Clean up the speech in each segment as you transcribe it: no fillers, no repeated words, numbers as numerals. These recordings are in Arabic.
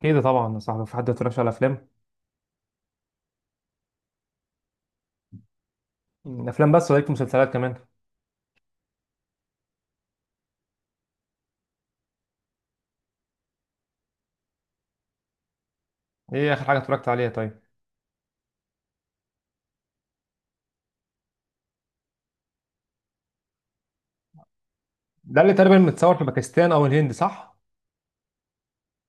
كده طبعا يا صاحبي، في حد يتفرجش على افلام؟ افلام بس ولكن مسلسلات كمان. ايه اخر حاجه اتفرجت عليها طيب؟ ده اللي تقريبا متصور في باكستان او الهند صح؟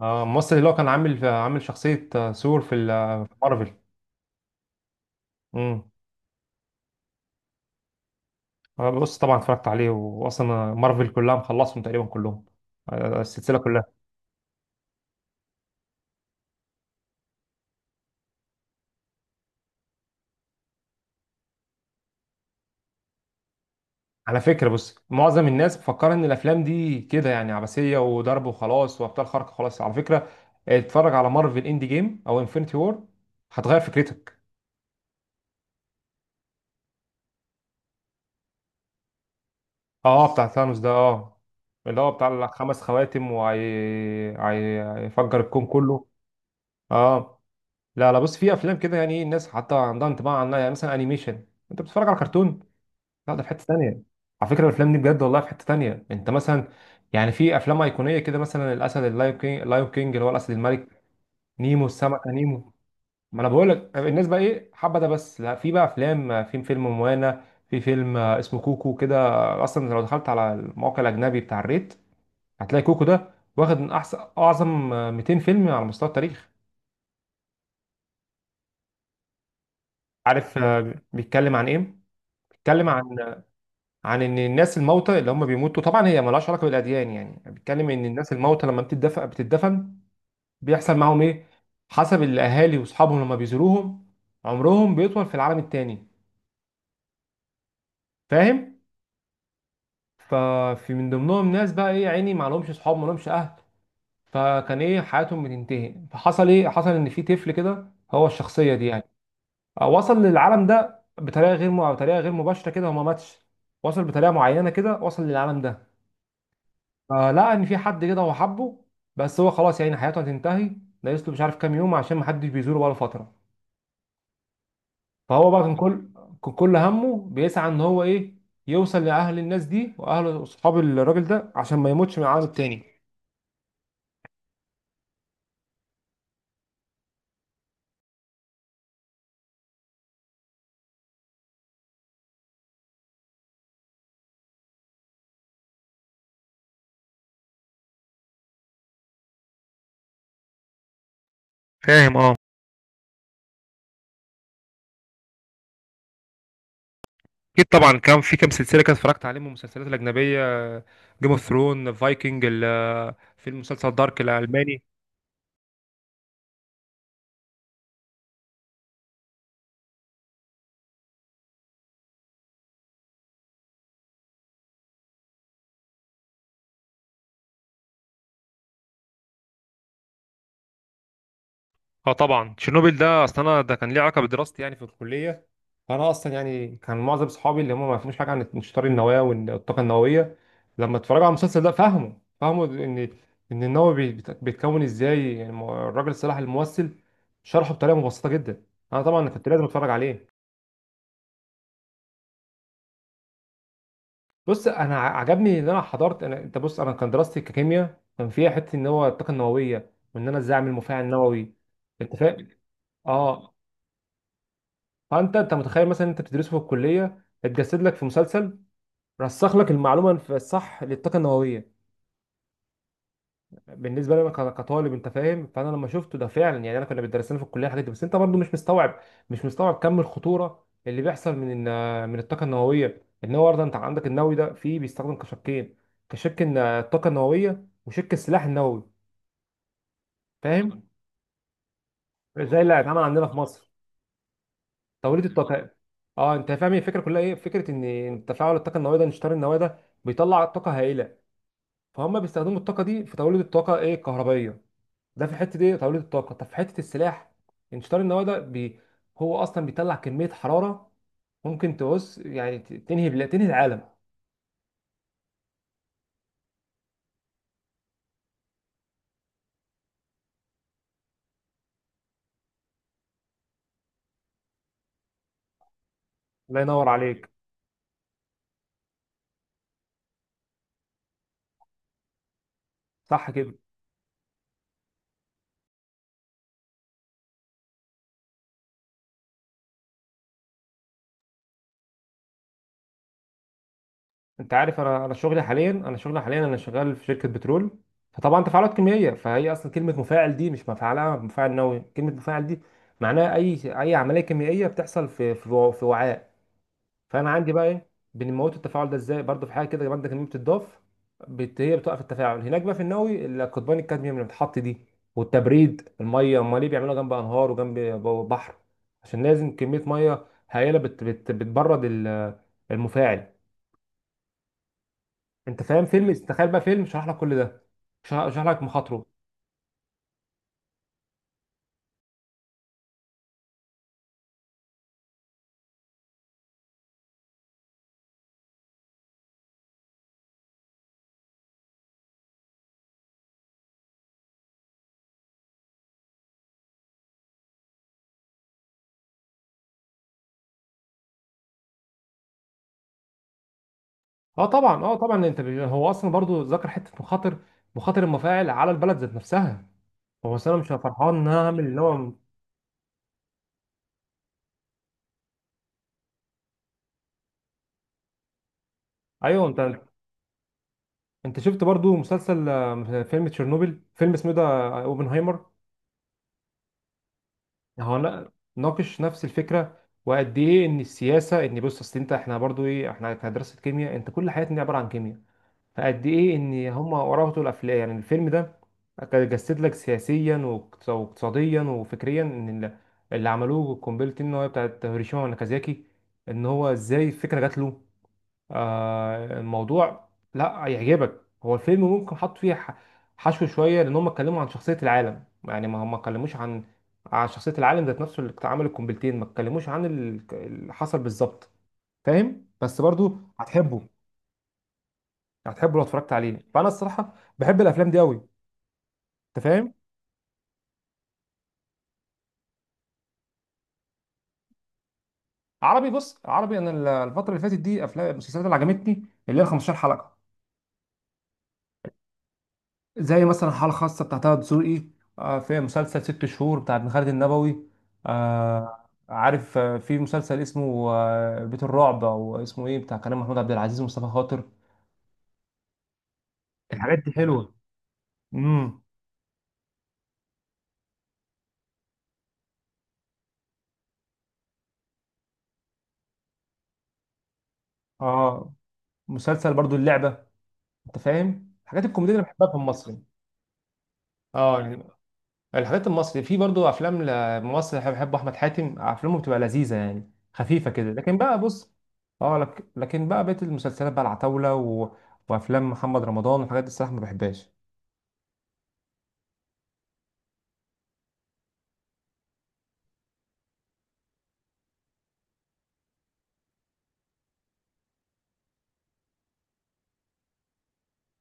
الممثل اللي هو كان عامل شخصيه، ثور في مارفل. امم بص، طبعا اتفرجت عليه، واصلا مارفل كلها مخلصهم تقريبا كلهم. السلسله كلها. على فكره، بص، معظم الناس مفكره ان الافلام دي كده يعني عبثيه وضرب وخلاص وابطال خارقه. خلاص، على فكره اتفرج على مارفل اند جيم او انفينيتي وور، هتغير فكرتك. اه، بتاع ثانوس ده. اه، اللي هو بتاع الخمس خواتم وهيفجر الكون كله. اه. لا لا، بص في افلام كده يعني ايه، الناس حتى عندها انطباع عنها، يعني مثلا انيميشن، انت بتتفرج على كرتون، لا، ده في حته ثانيه. على فكره الافلام دي بجد والله في حته ثانيه، انت مثلا يعني في افلام ايقونيه كده، مثلا الاسد اللايو كينج، اللايو كينج اللي هو الاسد الملك، نيمو، السمكه نيمو. ما انا بقول لك الناس بقى ايه حابه ده، بس لا، في بقى افلام، في فيلم موانا، في فيلم اسمه كوكو كده. اصلا لو دخلت على الموقع الاجنبي بتاع الريت، هتلاقي كوكو ده واخد من احسن اعظم 200 فيلم على مستوى التاريخ. عارف بيتكلم عن ايه؟ بيتكلم عن ان الناس الموتى اللي هم بيموتوا، طبعا هي ملهاش علاقه بالاديان، يعني بيتكلم ان الناس الموتى لما بتدفن بتدفن، بيحصل معاهم ايه حسب الاهالي واصحابهم لما بيزوروهم، عمرهم بيطول في العالم التاني. فاهم؟ ففي من ضمنهم ناس بقى ايه يا عيني، ما لهمش اصحاب، ما لهمش اهل، فكان ايه حياتهم بتنتهي، فحصل ايه، حصل ان في طفل كده، هو الشخصيه دي يعني. وصل للعالم ده بطريقه غير مباشره كده، هو ما ماتش، وصل بطريقه معينه كده، وصل للعالم ده. فلقى ان في حد كده هو حبه، بس هو خلاص يعني حياته هتنتهي، ناقص له مش عارف كام يوم عشان ما حدش بيزوره بقاله فتره. فهو بقى كان كل همه بيسعى ان هو ايه، يوصل لاهل الناس دي واهل اصحاب الراجل ده عشان ما يموتش من العالم التاني. فاهم؟ اه. اكيد طبعا، كان في كام سلسله كده اتفرجت عليهم من المسلسلات الاجنبيه، جيم اوف ثرون، فايكنج، في المسلسل دارك الالماني. اه طبعا، تشيرنوبيل ده، اصل انا ده كان ليه علاقه بدراستي يعني في الكليه. فانا اصلا يعني كان معظم صحابي اللي هم ما فهموش حاجه عن انشطار النواه والطاقه النوويه، لما اتفرجوا على المسلسل ده فهموا، ان النووي بيتكون ازاي يعني، الراجل صلاح الممثل شرحه بطريقه مبسطه جدا، انا طبعا كنت لازم اتفرج عليه. بص انا عجبني ان انا حضرت، انت بص، انا كان دراستي ككيمياء، كان فيها حته ان هو الطاقه النوويه وان انا ازاي اعمل مفاعل نووي. انت فاهم؟ اه. فانت، انت متخيل مثلا انت بتدرسه في الكليه اتجسد لك في مسلسل، رسخ لك المعلومه في الصح للطاقه النوويه. بالنسبه لي انا كطالب، انت فاهم، فانا لما شفته ده فعلا يعني، انا كنا بيدرسنا في الكليه الحاجات دي، بس انت برضو مش مستوعب، مش مستوعب كم الخطوره اللي بيحصل من الطاقه النوويه، ان هو برضه انت عندك النووي ده فيه، بيستخدم كشكين، كشك إن الطاقه النوويه وشك السلاح النووي. فاهم؟ زي اللي هيتعمل عندنا في مصر، توليد الطاقه. اه، انت فاهم الفكره كلها ايه، فكره ان تفاعل الطاقه النوويه ده، انشطار النواه ده بيطلع طاقه هائله، فهم بيستخدموا الطاقه دي في توليد الطاقه ايه الكهربائيه، ده في حته ايه توليد الطاقه، طب في حته السلاح، انشطار النواه ده هو اصلا بيطلع كميه حراره ممكن تبص يعني تنهي تنهي العالم. الله ينور عليك. صح كده. انت عارف انا، انا شغلي حاليا انا شغال في شركه بترول، فطبعا تفاعلات كيميائيه، فهي اصلا كلمه مفاعل دي مش مفعلها مفاعل نووي، كلمه مفاعل دي معناها اي اي عمليه كيميائيه بتحصل في في وعاء. فانا عندي بقى ايه، بنموت التفاعل ده ازاي، برضه في حاجه كده ماده كيميائيه بتضاف، هي بتوقف التفاعل، هناك بقى في النووي، القضبان الكادميوم اللي بتحط دي والتبريد، الميه امال ليه بيعملوها جنب انهار وجنب بحر؟ عشان لازم كميه ميه هائله بتبرد ال- المفاعل. انت فاهم؟ فيلم، تخيل بقى فيلم شرح لك كل ده، شرح، شرح لك مخاطره. اه طبعا، انت هو اصلا برضو ذكر حته مخاطر، مخاطر المفاعل على البلد ذات نفسها. هو أصل انا مش فرحان ان انا هعمل اللي هو. ايوه، انت، انت شفت برضو مسلسل فيلم تشيرنوبل، فيلم اسمه ده اوبنهايمر. هو ناقش نفس الفكره، وقد ايه ان السياسه ان بص، اصل انت احنا برضو ايه، احنا كدراسه كيمياء انت كل حياتنا عباره عن كيمياء، فقد ايه ان هم وراهم طول الافلام، يعني الفيلم ده كان جسد لك سياسيا واقتصاديا وفكريا ان ال- اللي عملوه قنبله النوويه بتاعت هيروشيما وناكازاكي، ان هو ازاي الفكره جات له. آه، الموضوع لا يعجبك، هو الفيلم ممكن حط فيه حشو شويه، لان هم اتكلموا عن شخصيه العالم يعني، ما هم ما اتكلموش عن شخصيه العالم ذات نفسه اللي عمل القنبلتين، ما اتكلموش عن ال- اللي حصل بالظبط. فاهم؟ بس برضو هتحبه، هتحبه لو اتفرجت عليه، فانا الصراحه بحب الافلام دي قوي. انت فاهم؟ عربي، بص عربي انا ال- الفتره اللي فاتت دي افلام المسلسلات اللي عجبتني اللي هي 15 حلقه، زي مثلا حاله خاصه بتاع طه دسوقي، في مسلسل ست شهور بتاع ابن خالد النبوي، عارف في مسلسل اسمه بيت الرعب او اسمه ايه بتاع كريم محمود عبد العزيز ومصطفى خاطر، الحاجات دي حلوه. امم اه، مسلسل برضو اللعبه، انت فاهم الحاجات الكوميديه اللي بحبها في المصري. اه يعني الحاجات المصري، في برضو افلام لممثل بحب، بحبه احمد حاتم، افلامه بتبقى لذيذه يعني خفيفه كده، لكن بقى بص، اه لك، لكن بقى بقيه المسلسلات بقى العتاوله و... وافلام محمد رمضان والحاجات دي، الصراحه ما بحبهاش.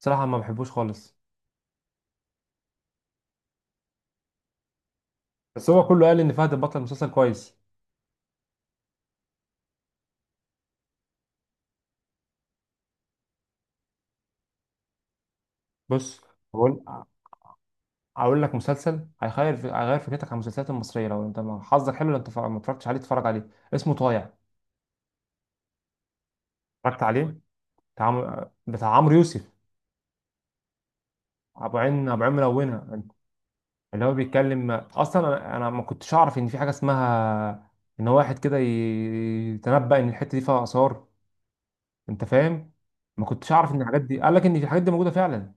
صراحه ما بحبوش خالص. بس هو كله قال ان فهد البطل مسلسل كويس. بص، هقول اقول لك مسلسل هيغير فكرتك عن المسلسلات المصريه، لو انت حظك حلو، لو انت ما اتفرجتش عليه اتفرج عليه، اسمه طايع. اتفرجت عليه بتاع عمرو يوسف، ابو عين ملونه. اللي هو بيتكلم اصلا انا، ما كنتش اعرف ان في حاجه اسمها، ان هو واحد كده يتنبأ ان الحته دي فيها اثار، انت فاهم. ما كنتش اعرف ان الحاجات دي، قال لك ان في الحاجات دي موجوده فعلا.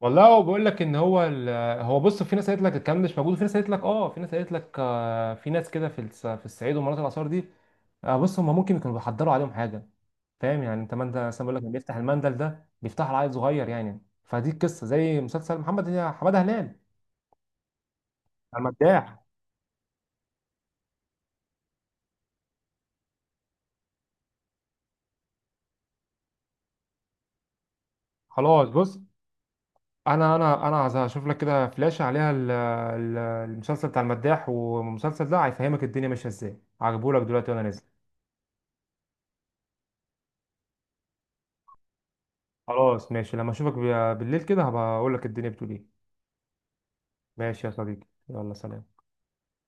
والله هو بيقول لك ان هو هو بص، في ناس قالت لك الكلام ده مش موجود، وفي ناس قالت لك اه، في ناس قالت لك آه، في ناس كده في الصعيد ومناطق الاثار دي، آه، بص هم ممكن يكونوا بيحضروا عليهم حاجه. فاهم يعني، انت ما انت مثلا بيقول لك اللي بيفتح المندل ده بيفتح عيل صغير يعني، فدي القصه زي مسلسل محمد حماده هلال، المداح. خلاص بص، انا عايز اشوف لك كده فلاش عليها المسلسل بتاع المداح، والمسلسل ده هيفهمك الدنيا ماشيه ازاي، هجيبهولك دلوقتي وانا نازل. خلاص ماشي، لما اشوفك بالليل كده هبقى اقول لك الدنيا بتقول ايه. ماشي يا صديقي، يلا سلام.